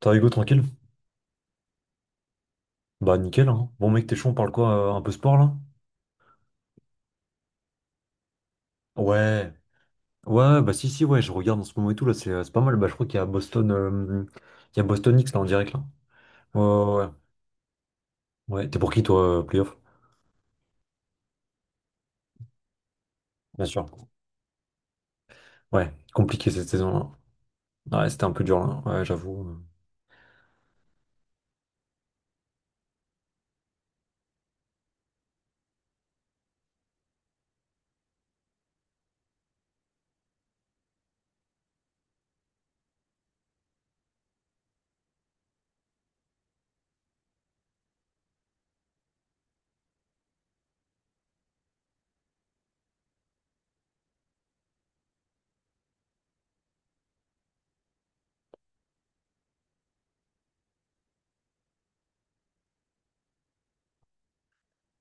T'as Hugo tranquille? Bah nickel hein. Bon mec t'es chaud on parle quoi? Un peu sport là? Ouais. Ouais bah si si ouais je regarde en ce moment et tout là c'est pas mal. Bah je crois qu'il y a Boston X là en direct là. Ouais, ouais, ouais. Ouais, t'es pour qui toi playoff? Bien sûr. Ouais, compliqué cette saison là. Ouais c'était un peu dur là, ouais j'avoue.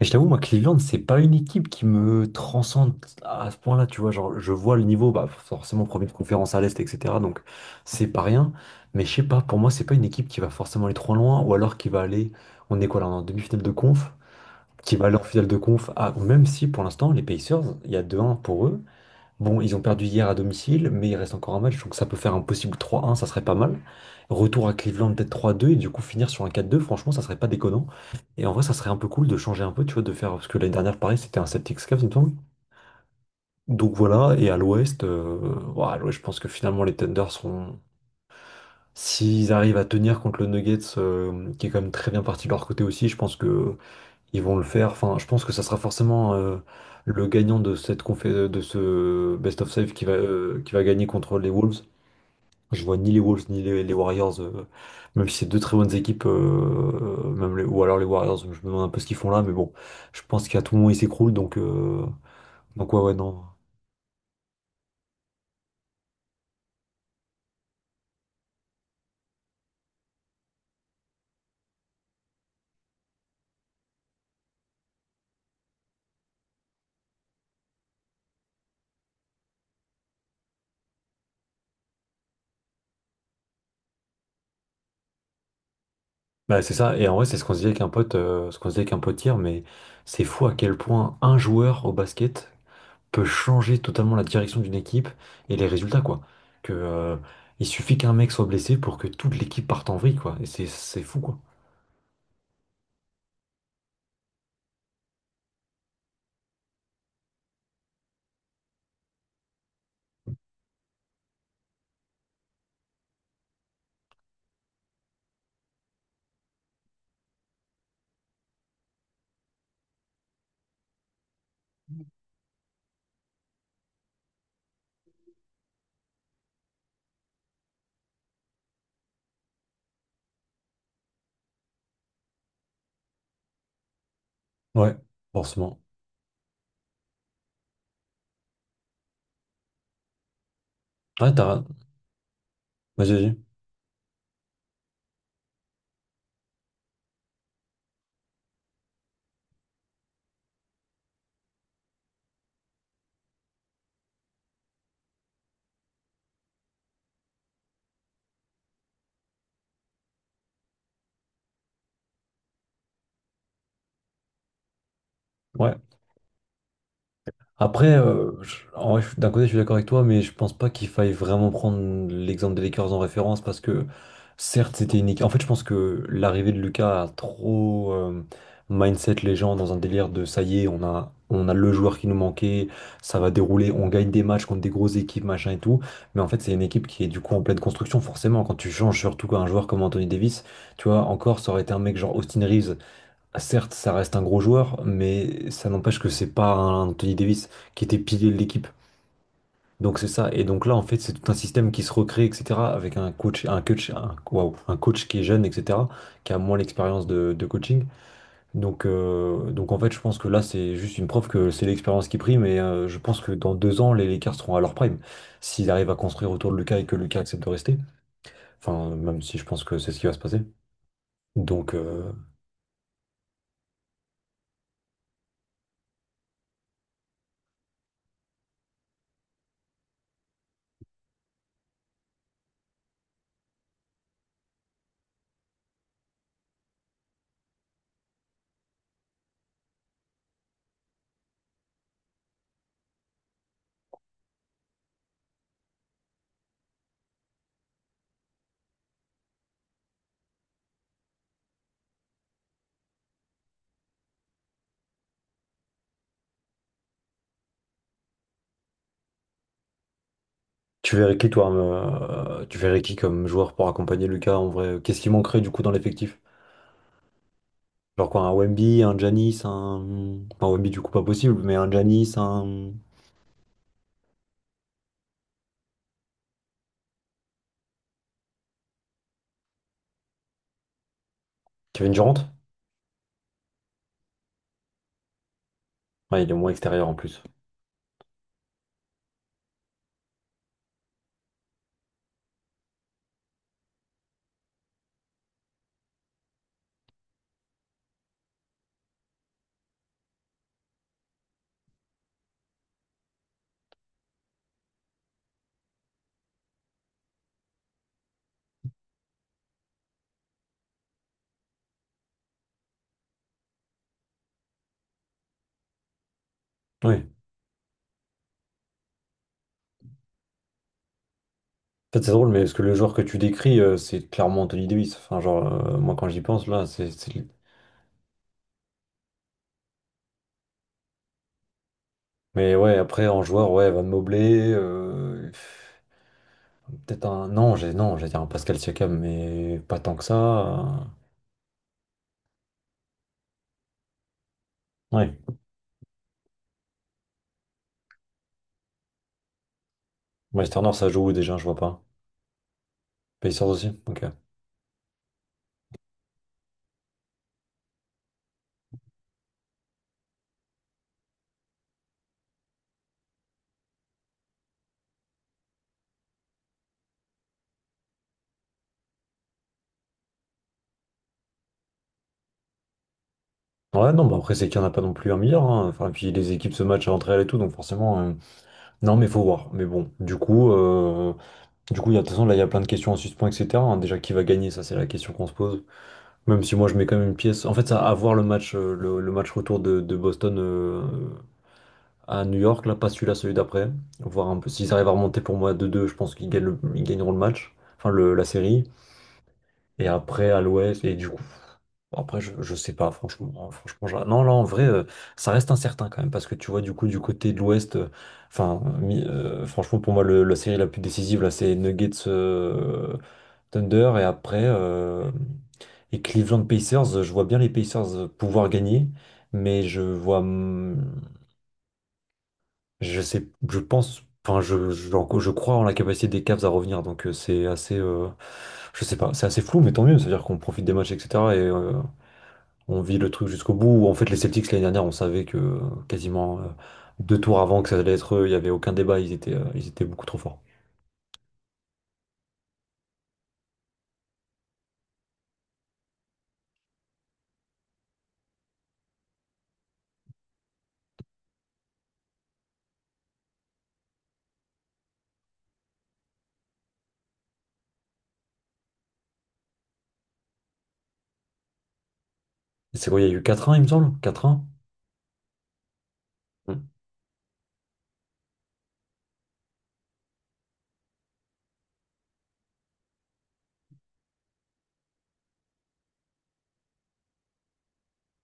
Et je t'avoue, moi, Cleveland, c'est pas une équipe qui me transcende à ce point-là, tu vois. Genre, je vois le niveau, bah, forcément, premier de conférence à l'Est, etc. Donc, c'est pas rien. Mais je sais pas, pour moi, c'est pas une équipe qui va forcément aller trop loin, ou alors qui va aller, on est quoi là, on est en demi-finale de conf, qui va aller en finale de conf, même si pour l'instant, les Pacers, il y a deux 1 pour eux. Bon, ils ont perdu hier à domicile, mais il reste encore un match, donc ça peut faire un possible 3-1, ça serait pas mal. Retour à Cleveland, peut-être 3-2, et du coup finir sur un 4-2, franchement, ça serait pas déconnant. Et en vrai, ça serait un peu cool de changer un peu, tu vois, de faire. Parce que l'année dernière, pareil, c'était un Celtics Cavs, il me semble. Donc voilà, et à l'ouest, je pense que finalement, les Thunder seront. S'ils arrivent à tenir contre le Nuggets, qui est quand même très bien parti de leur côté aussi, je pense que ils vont le faire. Enfin, je pense que ça sera forcément le gagnant de cette de ce Best of Save qui va gagner contre les Wolves. Je vois ni les Wolves ni les Warriors, même si c'est deux très bonnes équipes, même ou alors les Warriors, je me demande un peu ce qu'ils font là, mais bon, je pense qu'à tout moment ils s'écroulent, donc ouais, ouais, non. Bah, c'est ça, et en vrai, c'est ce qu'on se dit avec un pote, ce qu'on se dit avec un pote hier, mais c'est fou à quel point un joueur au basket peut changer totalement la direction d'une équipe et les résultats, quoi. Que, euh, il suffit qu'un mec soit blessé pour que toute l'équipe parte en vrille, quoi. Et c'est fou, quoi. Ouais, forcément. Ouais, t'as... Vas-y, vas-y. Ouais. Après, en vrai, d'un côté, je suis d'accord avec toi, mais je pense pas qu'il faille vraiment prendre l'exemple des Lakers en référence parce que, certes, c'était une équipe. En fait, je pense que l'arrivée de Lucas a trop mindset les gens dans un délire de ça y est, on a le joueur qui nous manquait, ça va dérouler, on gagne des matchs contre des grosses équipes, machin et tout. Mais en fait, c'est une équipe qui est du coup en pleine construction, forcément. Quand tu changes surtout un joueur comme Anthony Davis, tu vois, encore, ça aurait été un mec genre Austin Reeves. Certes, ça reste un gros joueur, mais ça n'empêche que c'est pas un Anthony Davis qui était pilier de l'équipe. Donc c'est ça. Et donc là, en fait, c'est tout un système qui se recrée, etc. Avec un coach qui est jeune, etc. Qui a moins l'expérience de coaching. Donc, en fait, je pense que là, c'est juste une preuve que c'est l'expérience qui prime. Et je pense que dans 2 ans, les Lakers seront à leur prime. S'ils arrivent à construire autour de Lucas et que Lucas accepte de rester. Enfin, même si je pense que c'est ce qui va se passer. Donc, euh, Tu verrais qui, toi, tu verrais qui comme joueur pour accompagner Lucas en vrai? Qu'est-ce qui manquerait du coup dans l'effectif? Genre quoi, un Wemby, un Giannis, un. Enfin, Wemby, du coup, pas possible, mais un Giannis, un. Kevin Durant? Ouais, il est moins extérieur en plus. Oui. En fait, c'est drôle, mais parce que le joueur que tu décris, c'est clairement Anthony Davis. Enfin, genre, moi, quand j'y pense, là, c'est. Mais ouais, après, en joueur, ouais, Van Mobley, peut-être un. Non, j'ai non, j'allais dire un Pascal Siakam, mais pas tant que ça. Ouais. Miles Turner, ça joue où déjà? Je vois pas. Pacers aussi, ok. Ouais, non, bah après, c'est qu'il n'y en a pas non plus un milliard, hein. Enfin, et puis les équipes se matchent entre elles et tout, donc forcément. Non, mais faut voir. Mais bon, du coup, il y a, de toute façon, là, il y a plein de questions en suspens, etc., hein. Déjà, qui va gagner, ça, c'est la question qu'on se pose. Même si moi, je mets quand même une pièce. En fait, ça, à voir le match, le match retour de Boston à New York, là, pas celui-là, celui d'après. Voir un peu s'ils arrivent à remonter pour moi à deux, 2 je pense qu'ils gagnent ils gagneront le match. Enfin, la série. Et après, à l'ouest, et du coup, après, je sais pas, franchement, hein, franchement, non, là, en vrai, ça reste incertain quand même, parce que tu vois, du coup, du côté de l'ouest, enfin, franchement, pour moi, la série la plus décisive, là, c'est Nuggets Thunder, et après, et Cleveland Pacers, je vois bien les Pacers pouvoir gagner, mais je vois. Je pense, enfin, je crois en la capacité des Cavs à revenir, donc c'est assez, je sais pas, c'est assez flou, mais tant mieux, c'est-à-dire qu'on profite des matchs, etc. Et on vit le truc jusqu'au bout. En fait, les Celtics l'année dernière, on savait que quasiment deux tours avant que ça allait être eux, il y avait aucun débat, ils étaient, beaucoup trop forts. Et c'est quoi, il y a eu quatre 1, il me semble? Quatre 1. Hmm.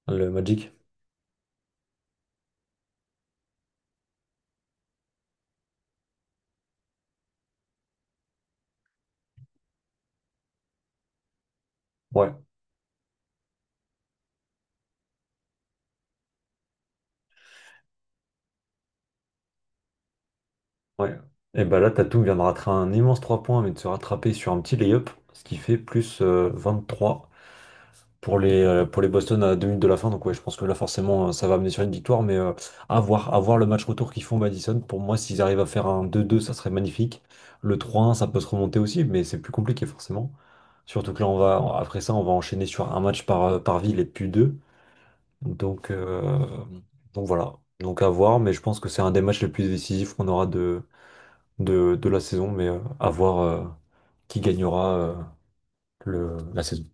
Le Magic? Ouais, ouais. Et bah là, Tatum vient de rater un immense 3 points, mais de se rattraper sur un petit lay-up, ce qui fait plus trois pour les, Boston à 2 minutes de la fin. Donc ouais, je pense que là forcément ça va amener sur une victoire, mais à voir le match retour qu'ils font au Madison. Pour moi, s'ils arrivent à faire un 2-2, ça serait magnifique. Le 3-1, ça peut se remonter aussi, mais c'est plus compliqué forcément. Surtout que là, on va, après ça, on va enchaîner sur un match par ville et puis deux. Donc, euh, donc voilà. Donc à voir, mais je pense que c'est un des matchs les plus décisifs qu'on aura de la saison, mais à voir qui gagnera la saison.